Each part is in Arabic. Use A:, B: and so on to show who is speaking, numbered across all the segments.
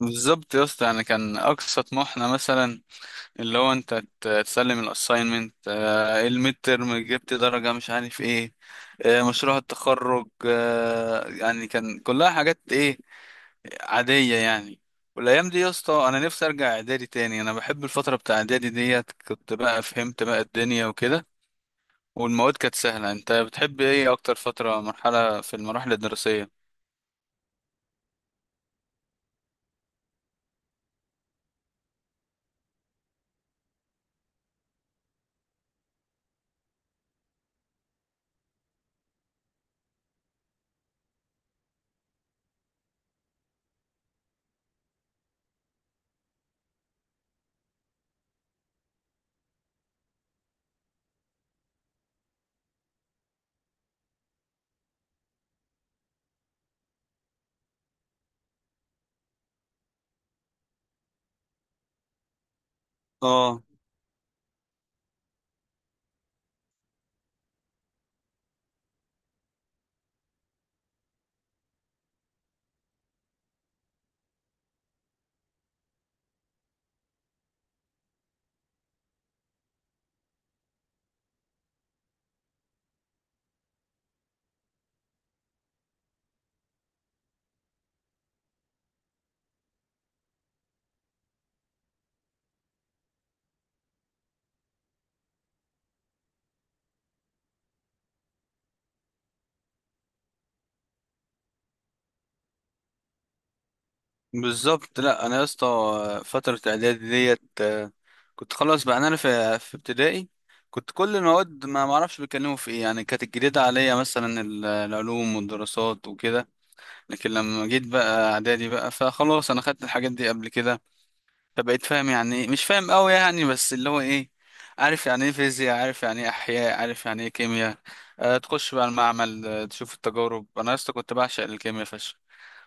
A: بالظبط يا اسطى، يعني كان اقصى طموحنا مثلا اللي هو انت تسلم الاساينمنت، الميد ترم جبت درجه مش عارف ايه، مشروع التخرج، يعني كان كلها حاجات ايه عاديه يعني. والايام دي يا اسطى انا نفسي ارجع اعدادي تاني، انا بحب الفتره بتاع اعدادي ديت، كنت بقى فهمت بقى الدنيا وكده، والمواد كانت سهله. انت بتحب ايه اكتر فتره مرحله في المراحل الدراسيه؟ اه بالظبط. لا انا يا اسطى فتره اعدادي ديت، كنت خلاص بقى انا في ابتدائي، كنت كل المواد ما معرفش بيتكلموا في ايه، يعني كانت الجديده عليا مثلا العلوم والدراسات وكده. لكن لما جيت بقى اعدادي بقى فخلاص انا خدت الحاجات دي قبل كده، فبقيت فاهم يعني ايه، مش فاهم قوي يعني، بس اللي هو ايه، عارف يعني ايه فيزياء، عارف يعني ايه احياء، عارف يعني ايه كيمياء. تخش بقى المعمل، تشوف التجارب. انا يا اسطى كنت بعشق الكيمياء فشخ،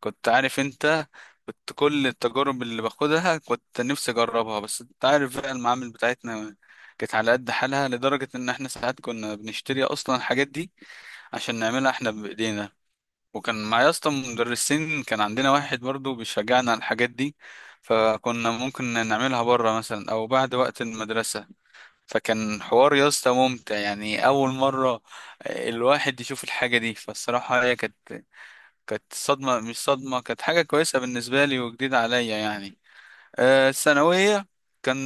A: كنت عارف انت، كنت كل التجارب اللي باخدها كنت نفسي اجربها، بس انت عارف بقى المعامل بتاعتنا كانت على قد حالها، لدرجة ان احنا ساعات كنا بنشتري اصلا الحاجات دي عشان نعملها احنا بايدينا. وكان معايا اصلا مدرسين، كان عندنا واحد برضو بيشجعنا على الحاجات دي، فكنا ممكن نعملها بره مثلا او بعد وقت المدرسة. فكان حوار يا اسطى ممتع، يعني اول مرة الواحد يشوف الحاجة دي، فالصراحة هي كانت صدمة، مش صدمة، كانت حاجة كويسة بالنسبة لي وجديدة عليا يعني. الثانوية كان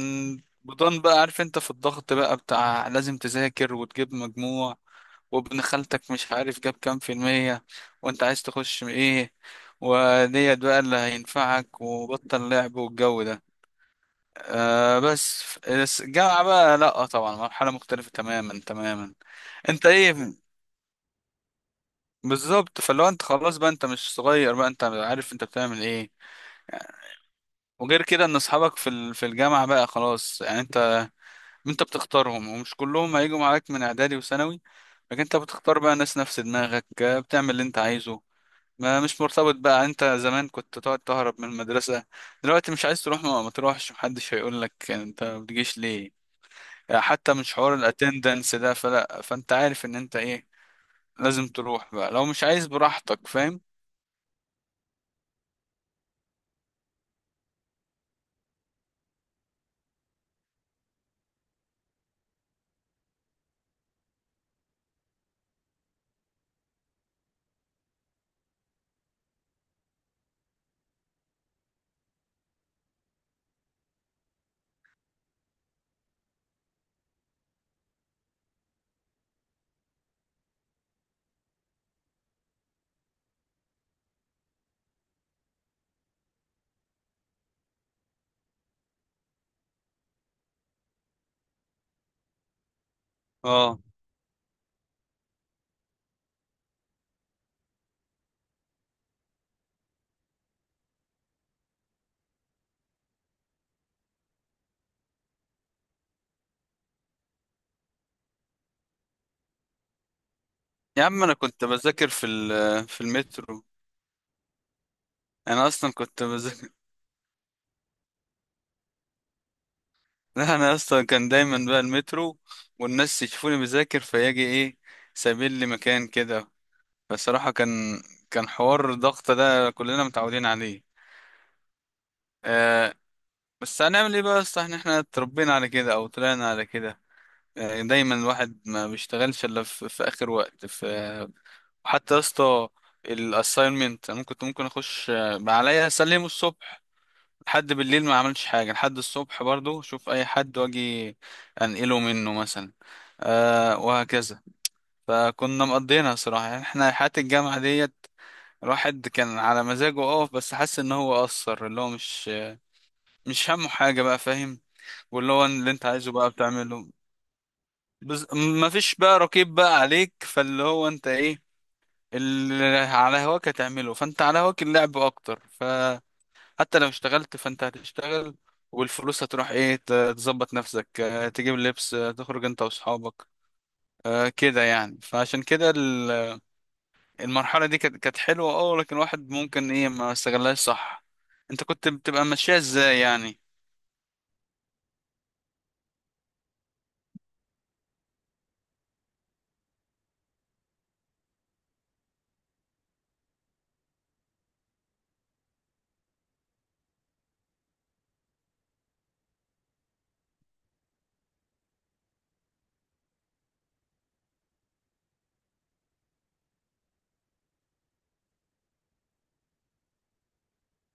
A: بضن بقى عارف انت في الضغط بقى بتاع لازم تذاكر وتجيب مجموع، وابن خالتك مش عارف جاب كام في المية، وانت عايز تخش ايه، وديت بقى اللي هينفعك، وبطل لعب والجو ده. بس الجامعة بقى، لأ طبعا مرحلة مختلفة تماما تماما. انت ايه؟ بالظبط، فلو انت خلاص بقى انت مش صغير بقى، انت عارف انت بتعمل ايه. وغير كده ان اصحابك في في الجامعه بقى خلاص، يعني انت بتختارهم، ومش كلهم هيجوا معاك من اعدادي وثانوي، لكن انت بتختار بقى ناس نفس دماغك، بتعمل اللي انت عايزه. ما مش مرتبط بقى، انت زمان كنت تقعد تهرب من المدرسه، دلوقتي مش عايز تروح ما تروحش، محدش هيقول لك انت ما بتجيش ليه، حتى مش حوار الاتندنس ده، فلا فانت عارف ان انت ايه، لازم تروح بقى، لو مش عايز براحتك فاهم. اه يا عم، انا كنت بذاكر في في المترو، انا اصلا كنت بذاكر، لا انا اصلا كان دايما بقى المترو والناس يشوفوني بذاكر، فيجي ايه، سابين لي مكان كده. بصراحة كان حوار الضغط ده كلنا متعودين عليه. آه بس هنعمل ايه بقى، اصلا احنا اتربينا على كده او طلعنا على كده. دايما الواحد ما بيشتغلش الا في اخر وقت في. حتى يا اسطى الاساينمنت انا كنت ممكن اخش، عليا اسلمه الصبح، لحد بالليل ما عملتش حاجة، لحد الصبح برضو شوف أي حد وأجي أنقله منه مثلا، وهكذا. فكنا مقضينا صراحة يعني احنا حياة الجامعة ديت، الواحد كان على مزاجه أقف بس حس إن هو قصر، اللي هو مش همه حاجة بقى فاهم، واللي هو اللي أنت عايزه بقى بتعمله. مفيش بقى رقيب بقى عليك، فاللي هو أنت إيه، اللي على هواك هتعمله، فأنت على هواك اللعب أكتر ف، حتى لو اشتغلت فانت هتشتغل والفلوس هتروح ايه، تظبط نفسك، تجيب لبس، تخرج انت واصحابك، كده يعني. فعشان كده المرحلة دي كانت حلوة، اه لكن الواحد ممكن ايه ما استغلهاش صح. انت كنت بتبقى ماشية ازاي يعني؟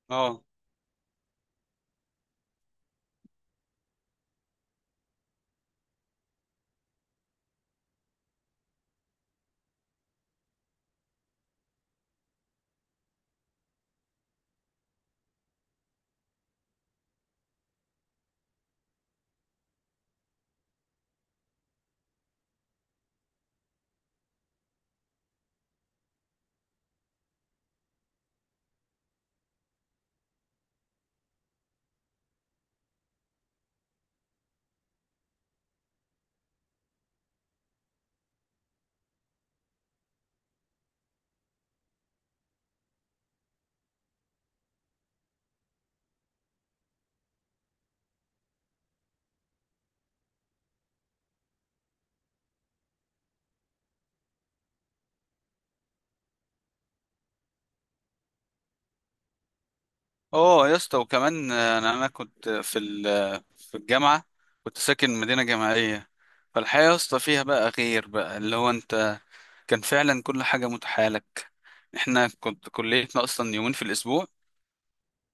A: اه، اه يا اسطى، وكمان انا كنت في في الجامعة، كنت ساكن مدينة جامعية، فالحياة يا اسطى فيها بقى غير بقى اللي هو انت، كان فعلا كل حاجة متاحة لك. احنا كنت كليتنا اصلا يومين في الاسبوع،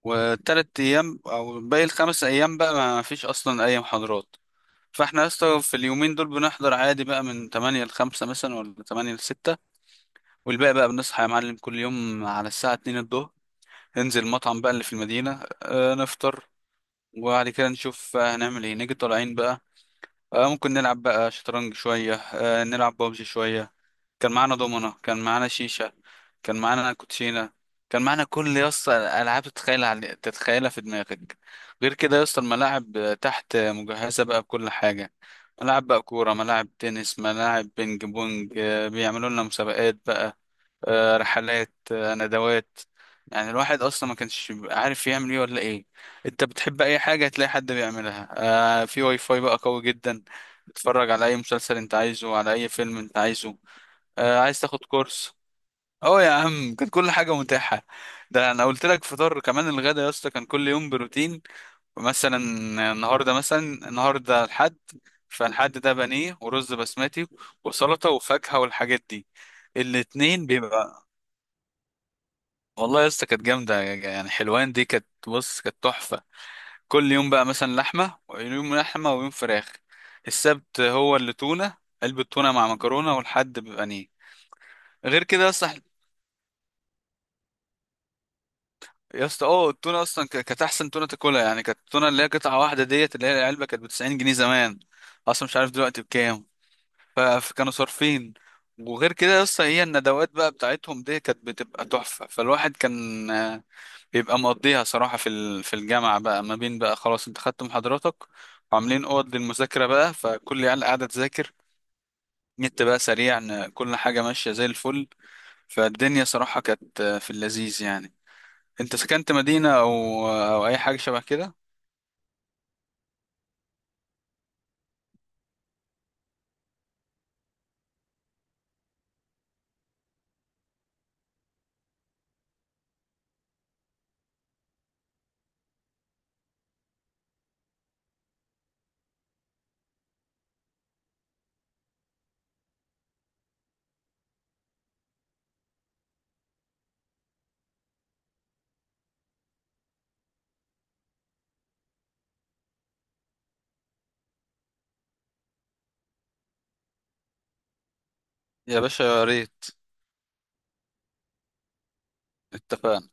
A: والتلات ايام او باقي الخمس ايام بقى ما فيش اصلا اي محاضرات. فاحنا يا اسطى في اليومين دول بنحضر عادي بقى من 8 ل 5 مثلا ولا 8 ل 6، والباقي بقى بنصحى يا معلم كل يوم على الساعة 2 الظهر، ننزل المطعم بقى اللي في المدينة، نفطر. وبعد كده نشوف هنعمل ايه، نيجي طالعين بقى، ممكن نلعب بقى شطرنج شوية، نلعب بابجي شوية. كان معانا دومنا، كان معانا شيشة، كان معانا كوتشينة، كان معانا كل يسطا ألعاب تتخيلها تتخيلها في دماغك. غير كده يسطا الملاعب تحت مجهزة بقى بكل حاجة، ملاعب بقى كورة، ملاعب تنس، ملاعب بينج بونج، بيعملوا لنا مسابقات بقى، رحلات، ندوات. يعني الواحد اصلا ما كانش بيبقى عارف يعمل ايه ولا ايه، انت بتحب اي حاجه هتلاقي حد بيعملها. في واي فاي بقى قوي جدا، تتفرج على اي مسلسل انت عايزه، على اي فيلم انت عايزه، عايز تاخد كورس. اه يا عم، كانت كل حاجه متاحه. ده انا قلت لك فطار، كمان الغدا يا اسطى كان كل يوم بروتين مثلا. النهارده مثلا، النهارده الحد، فالحد ده بانيه ورز بسمتي وسلطه وفاكهه والحاجات دي. الاتنين بيبقى، والله يا اسطى كانت جامدة، يعني حلوان دي كانت بص، كانت تحفة. كل يوم بقى مثلا لحمة، ويوم لحمة ويوم فراخ، السبت هو اللي تونة، علبة تونة مع مكرونة، والحد بيبقى نيه. غير كده اصلا يا اسطى، اه التونة اصلا كانت احسن تونة تاكلها، يعني كانت التونة اللي هي قطعة واحدة ديت اللي هي العلبة كانت ب 90 جنيه زمان، اصلا مش عارف دلوقتي بكام، فكانوا صارفين. وغير كده يا اسطى هي الندوات بقى بتاعتهم دي كانت بتبقى تحفة، فالواحد كان بيبقى مقضيها صراحة في في الجامعة بقى، ما بين بقى خلاص انت خدت محاضراتك، وعاملين اوض للمذاكرة بقى، فكل العيال قاعدة تذاكر، نت بقى سريع، كل حاجة ماشية زي الفل. فالدنيا صراحة كانت في اللذيذ يعني. انت سكنت مدينة او اي حاجة شبه كده؟ يا باشا يا ريت، اتفقنا.